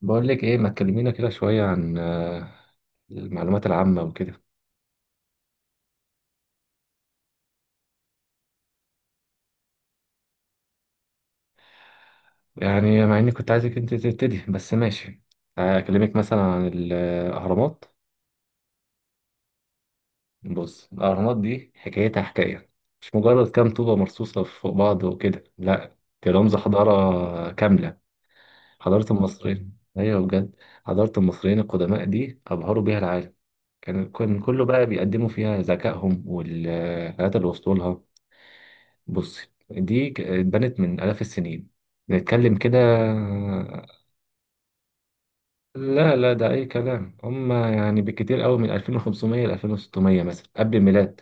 بقول لك ايه ما تكلمينا كده شوية عن المعلومات العامة وكده. يعني مع اني كنت عايزك انت تبتدي، بس ماشي. اكلمك مثلا عن الاهرامات. بص، الاهرامات دي حكايتها حكاية، مش مجرد كام طوبة مرصوصة فوق بعض وكده، لا، دي رمز حضارة كاملة. حضارة المصريين، ايوه بجد، حضارة المصريين القدماء دي ابهروا بيها العالم. كان كله بقى بيقدموا فيها ذكائهم والحاجات اللي وصلوا لها. بصي، دي اتبنت من آلاف السنين، نتكلم كده. لا لا، ده أي كلام، هم يعني بالكتير قوي من 2500 ل 2600 مثلا قبل الميلاد.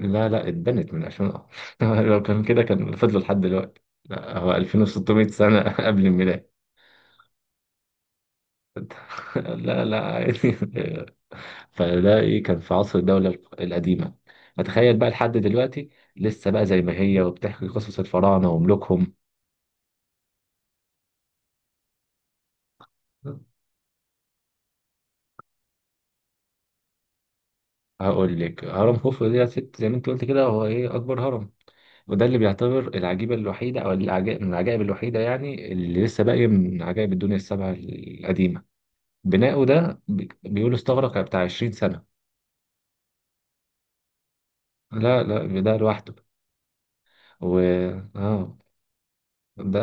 لا لا، اتبنت من 2000؟ لو كان كده كان فضلوا لحد دلوقتي، لا هو 2600 سنة قبل الميلاد. لا لا، عادي فده ايه، كان في عصر الدولة القديمة. فتخيل بقى لحد دلوقتي لسه بقى زي ما هي، وبتحكي قصص الفراعنة وملوكهم. هقول لك، هرم خوفو دي ست زي ما انت قلت كده، هو ايه؟ اكبر هرم، وده اللي بيعتبر العجيبه الوحيده، او العجائب من العجائب الوحيده يعني، اللي لسه باقيه من عجائب الدنيا السبع القديمه. بناؤه ده بيقولوا استغرق بتاع 20 سنه. لا لا، ده لوحده. و اه، ده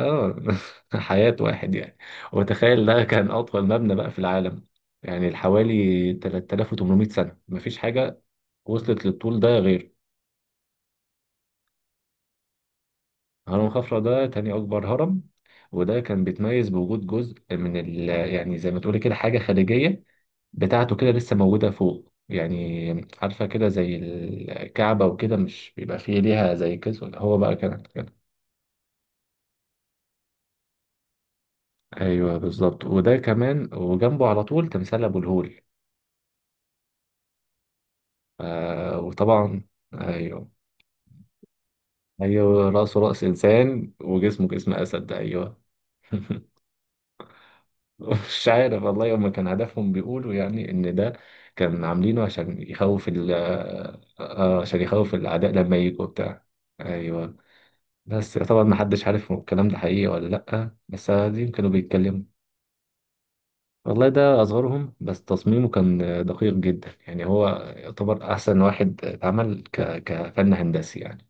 حياه واحد يعني. وتخيل ده كان اطول مبنى بقى في العالم، يعني حوالي 3800 سنه مفيش حاجه وصلت للطول ده غيره. هرم خفرع ده تاني أكبر هرم، وده كان بيتميز بوجود جزء من يعني زي ما تقولي كده، حاجة خارجية بتاعته كده لسه موجودة فوق يعني. عارفة كده زي الكعبة وكده، مش بيبقى فيه ليها زي كده، هو بقى كان كده. أيوه بالظبط، وده كمان وجنبه على طول تمثال أبو الهول. آه وطبعا. أيوه، أيوه، رأسه رأس إنسان وجسمه جسم أسد، أيوه. مش عارف والله، هما كان هدفهم بيقولوا يعني ان ده كان عاملينه عشان يخوف ال آه، آه، عشان يخوف الاعداء لما يجوا بتاع. ايوه. بس طبعا ما حدش عارف هو الكلام ده حقيقي ولا لا، بس عادي كانوا بيتكلموا. والله ده اصغرهم، بس تصميمه كان دقيق جدا يعني، هو يعتبر احسن واحد اتعمل كفن هندسي يعني.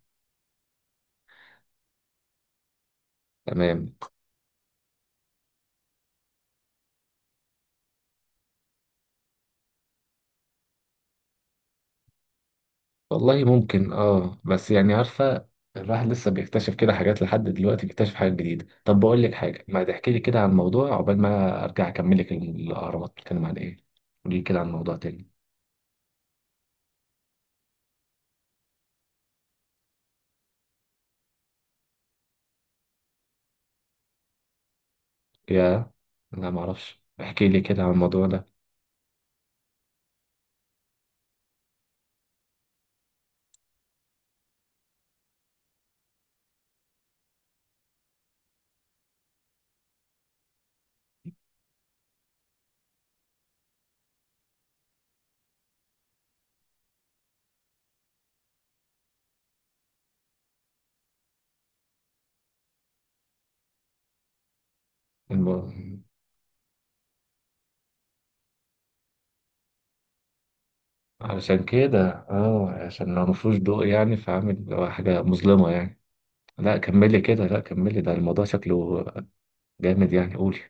تمام. والله ممكن، اه، بس يعني عارفة الواحد لسه بيكتشف كده حاجات لحد دلوقتي، بيكتشف حاجات جديدة. طب بقول لك حاجة، ما تحكي لي كده عن موضوع عقبال ما ارجع اكمل لك الاهرامات، بتتكلم عن ايه؟ قولي لي كده عن موضوع تاني. يا، لا ما اعرفش، احكي لي كده عن الموضوع ده. الم... علشان كده، اه، عشان لو مفهوش ضوء يعني، فعامل حاجة مظلمة يعني. لا كملي كده، لا كملي، ده الموضوع شكله جامد يعني، قولي.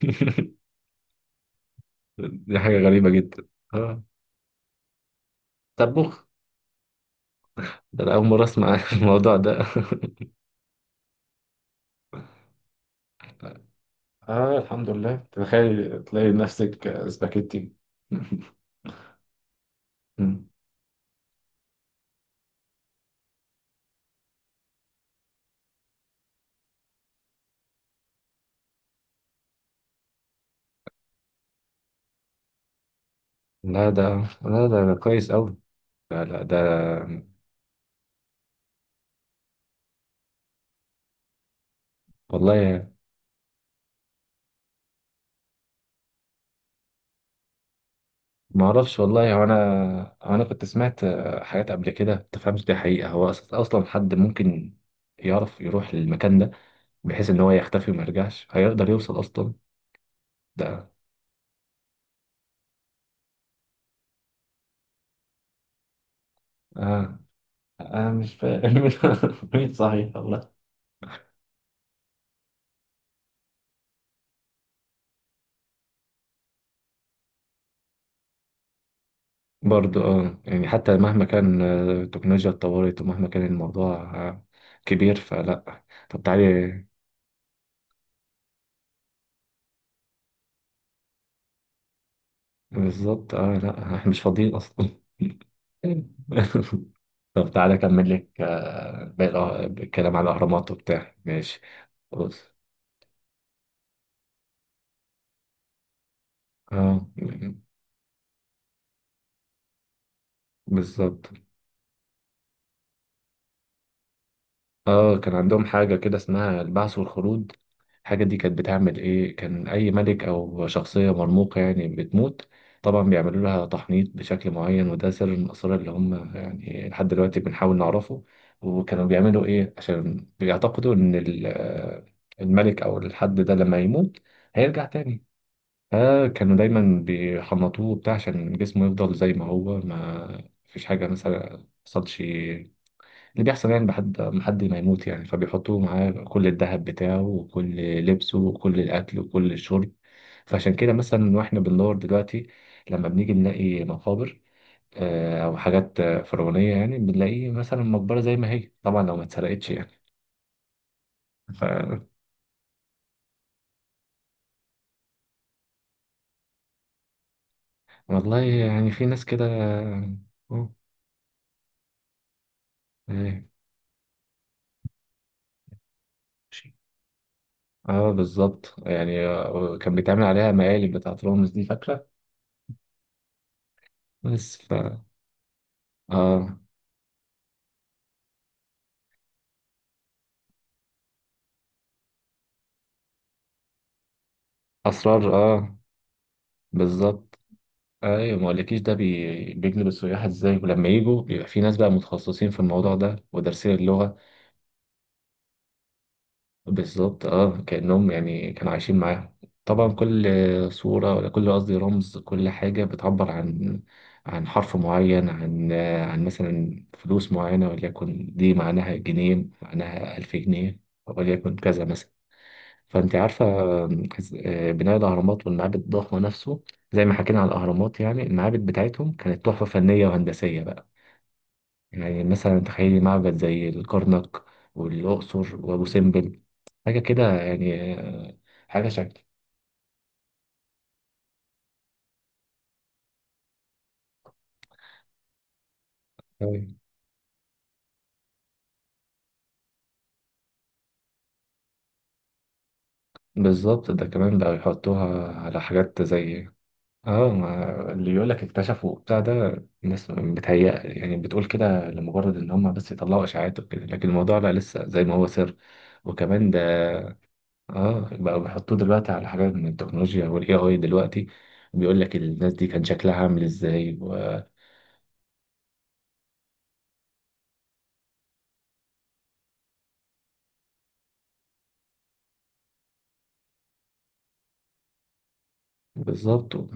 دي حاجة غريبة جدا. اه طب بص، ده أنا أول مرة أسمع الموضوع ده. اه الحمد لله، تخيل تلاقي نفسك سباكيتي. مم. لا ده، لا ده, ده كويس أوي. لا لا ده. والله ما أعرفش، والله هو أنا كنت سمعت حاجات قبل كده، ما تفهمش دي حقيقة، هو أصلا حد ممكن يعرف يروح للمكان ده، بحيث إن هو يختفي وما يرجعش هيقدر يوصل أصلا. ده آه انا مش فاهم. مين صحيح والله. برضه اه، يعني حتى مهما كان التكنولوجيا اتطورت، ومهما كان الموضوع آه، كبير، فلا. طب تعالي. بالظبط، اه، لا احنا مش فاضيين اصلا. طب تعالى اكمل لك باقي الكلام على الاهرامات وبتاع، ماشي. بص، اه، بالظبط. اه كان عندهم حاجة كده اسمها البعث والخلود. الحاجة دي كانت بتعمل ايه، كان اي ملك او شخصية مرموقة يعني بتموت، طبعا بيعملوا لها تحنيط بشكل معين. وده سر من الاسرار اللي هم يعني لحد دلوقتي بنحاول نعرفه. وكانوا بيعملوا ايه؟ عشان بيعتقدوا ان الملك او الحد ده لما يموت هيرجع تاني. فكانوا دايما بيحنطوه بتاع، عشان جسمه يفضل زي ما هو، ما فيش حاجة مثلا حصلش. اللي بيحصل يعني بحد ما حد ما يموت يعني، فبيحطوه معاه كل الذهب بتاعه، وكل لبسه، وكل الأكل، وكل الشرب. فعشان كده مثلا واحنا بندور دلوقتي، لما بنيجي نلاقي مقابر أو حاجات فرعونية يعني، بنلاقي مثلا مقبرة زي ما هي، طبعا لو ما اتسرقتش يعني. ف والله يعني في ناس كده. آه، إيه، ماشي. اه بالظبط، يعني كان بيتعمل عليها مقالب بتاعت رامز، دي فاكرة. بس اه. أسرار اه. بالظبط، ايوه، ما اقولكيش ده بيجذب السياح ازاي، ولما يجوا بيبقى في ناس بقى متخصصين في الموضوع ده ودارسين اللغه. بالظبط اه، كانهم يعني كانوا عايشين معاهم. طبعا كل صوره، ولا كل قصدي رمز، كل حاجه بتعبر عن حرف معين، عن مثلا فلوس معينه، وليكن دي معناها جنيه، معناها ألف جنيه، وليكن كذا مثلا، فانت عارفه. بناء الاهرامات والمعابد الضخمه نفسه زي ما حكينا على الاهرامات، يعني المعابد بتاعتهم كانت تحفه فنيه وهندسيه بقى. يعني مثلا تخيلي معبد زي الكرنك والاقصر وابو سمبل، حاجه كده يعني حاجه شكل. بالظبط، ده كمان بقى يحطوها على حاجات زي اه ما، اللي يقول لك اكتشفوا بتاع ده، الناس بتهيأ يعني، بتقول كده لمجرد ان هم بس يطلعوا اشاعات وكده، لكن الموضوع لا، لسه زي ما هو سر. وكمان ده، اه، بقى بيحطوه دلوقتي على حاجات من التكنولوجيا والاي اي دلوقتي، بيقول لك الناس دي كان شكلها عامل ازاي بالظبط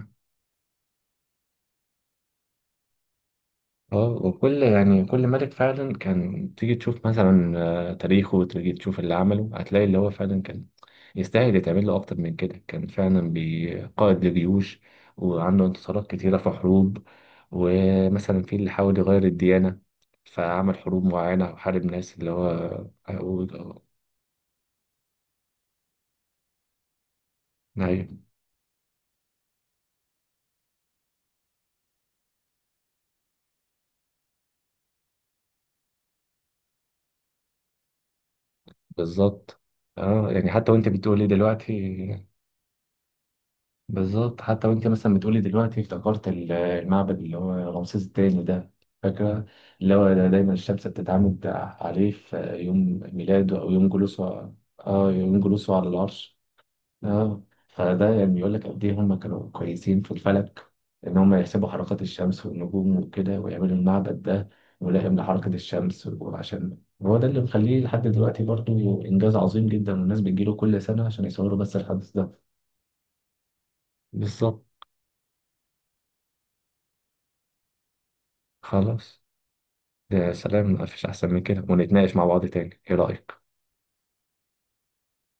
اه. وكل يعني، كل ملك فعلا، كان تيجي تشوف مثلا تاريخه، وتيجي تشوف اللي عمله، هتلاقي اللي هو فعلا كان يستاهل يتعمل له اكتر من كده، كان فعلا قائد لجيوش، وعنده انتصارات كتيرة في حروب، ومثلا في اللي حاول يغير الديانة، فعمل حروب معينة، وحارب ناس، اللي هو أيوة. بالظبط، اه، يعني حتى وانت بتقولي دلوقتي، بالظبط حتى وانت مثلا بتقولي دلوقتي افتكرت المعبد اللي هو رمسيس الثاني ده، فاكره، اللي هو ده دايما الشمس بتتعامد عليه في يوم ميلاده او يوم جلوسه. اه يوم جلوسه على العرش. اه، فده يعني يقول لك قد ايه هم كانوا كويسين في الفلك، ان هم يحسبوا حركات الشمس والنجوم وكده، ويعملوا المعبد ده ملائم لحركة الشمس. وعشان هو ده اللي مخليه لحد دلوقتي برضه انجاز عظيم جدا، والناس بتجيله كل سنة عشان يصوروا بس الحدث ده. بالظبط. خلاص، يا سلام مفيش أحسن من كده، ونتناقش مع بعض تاني، إيه رأيك؟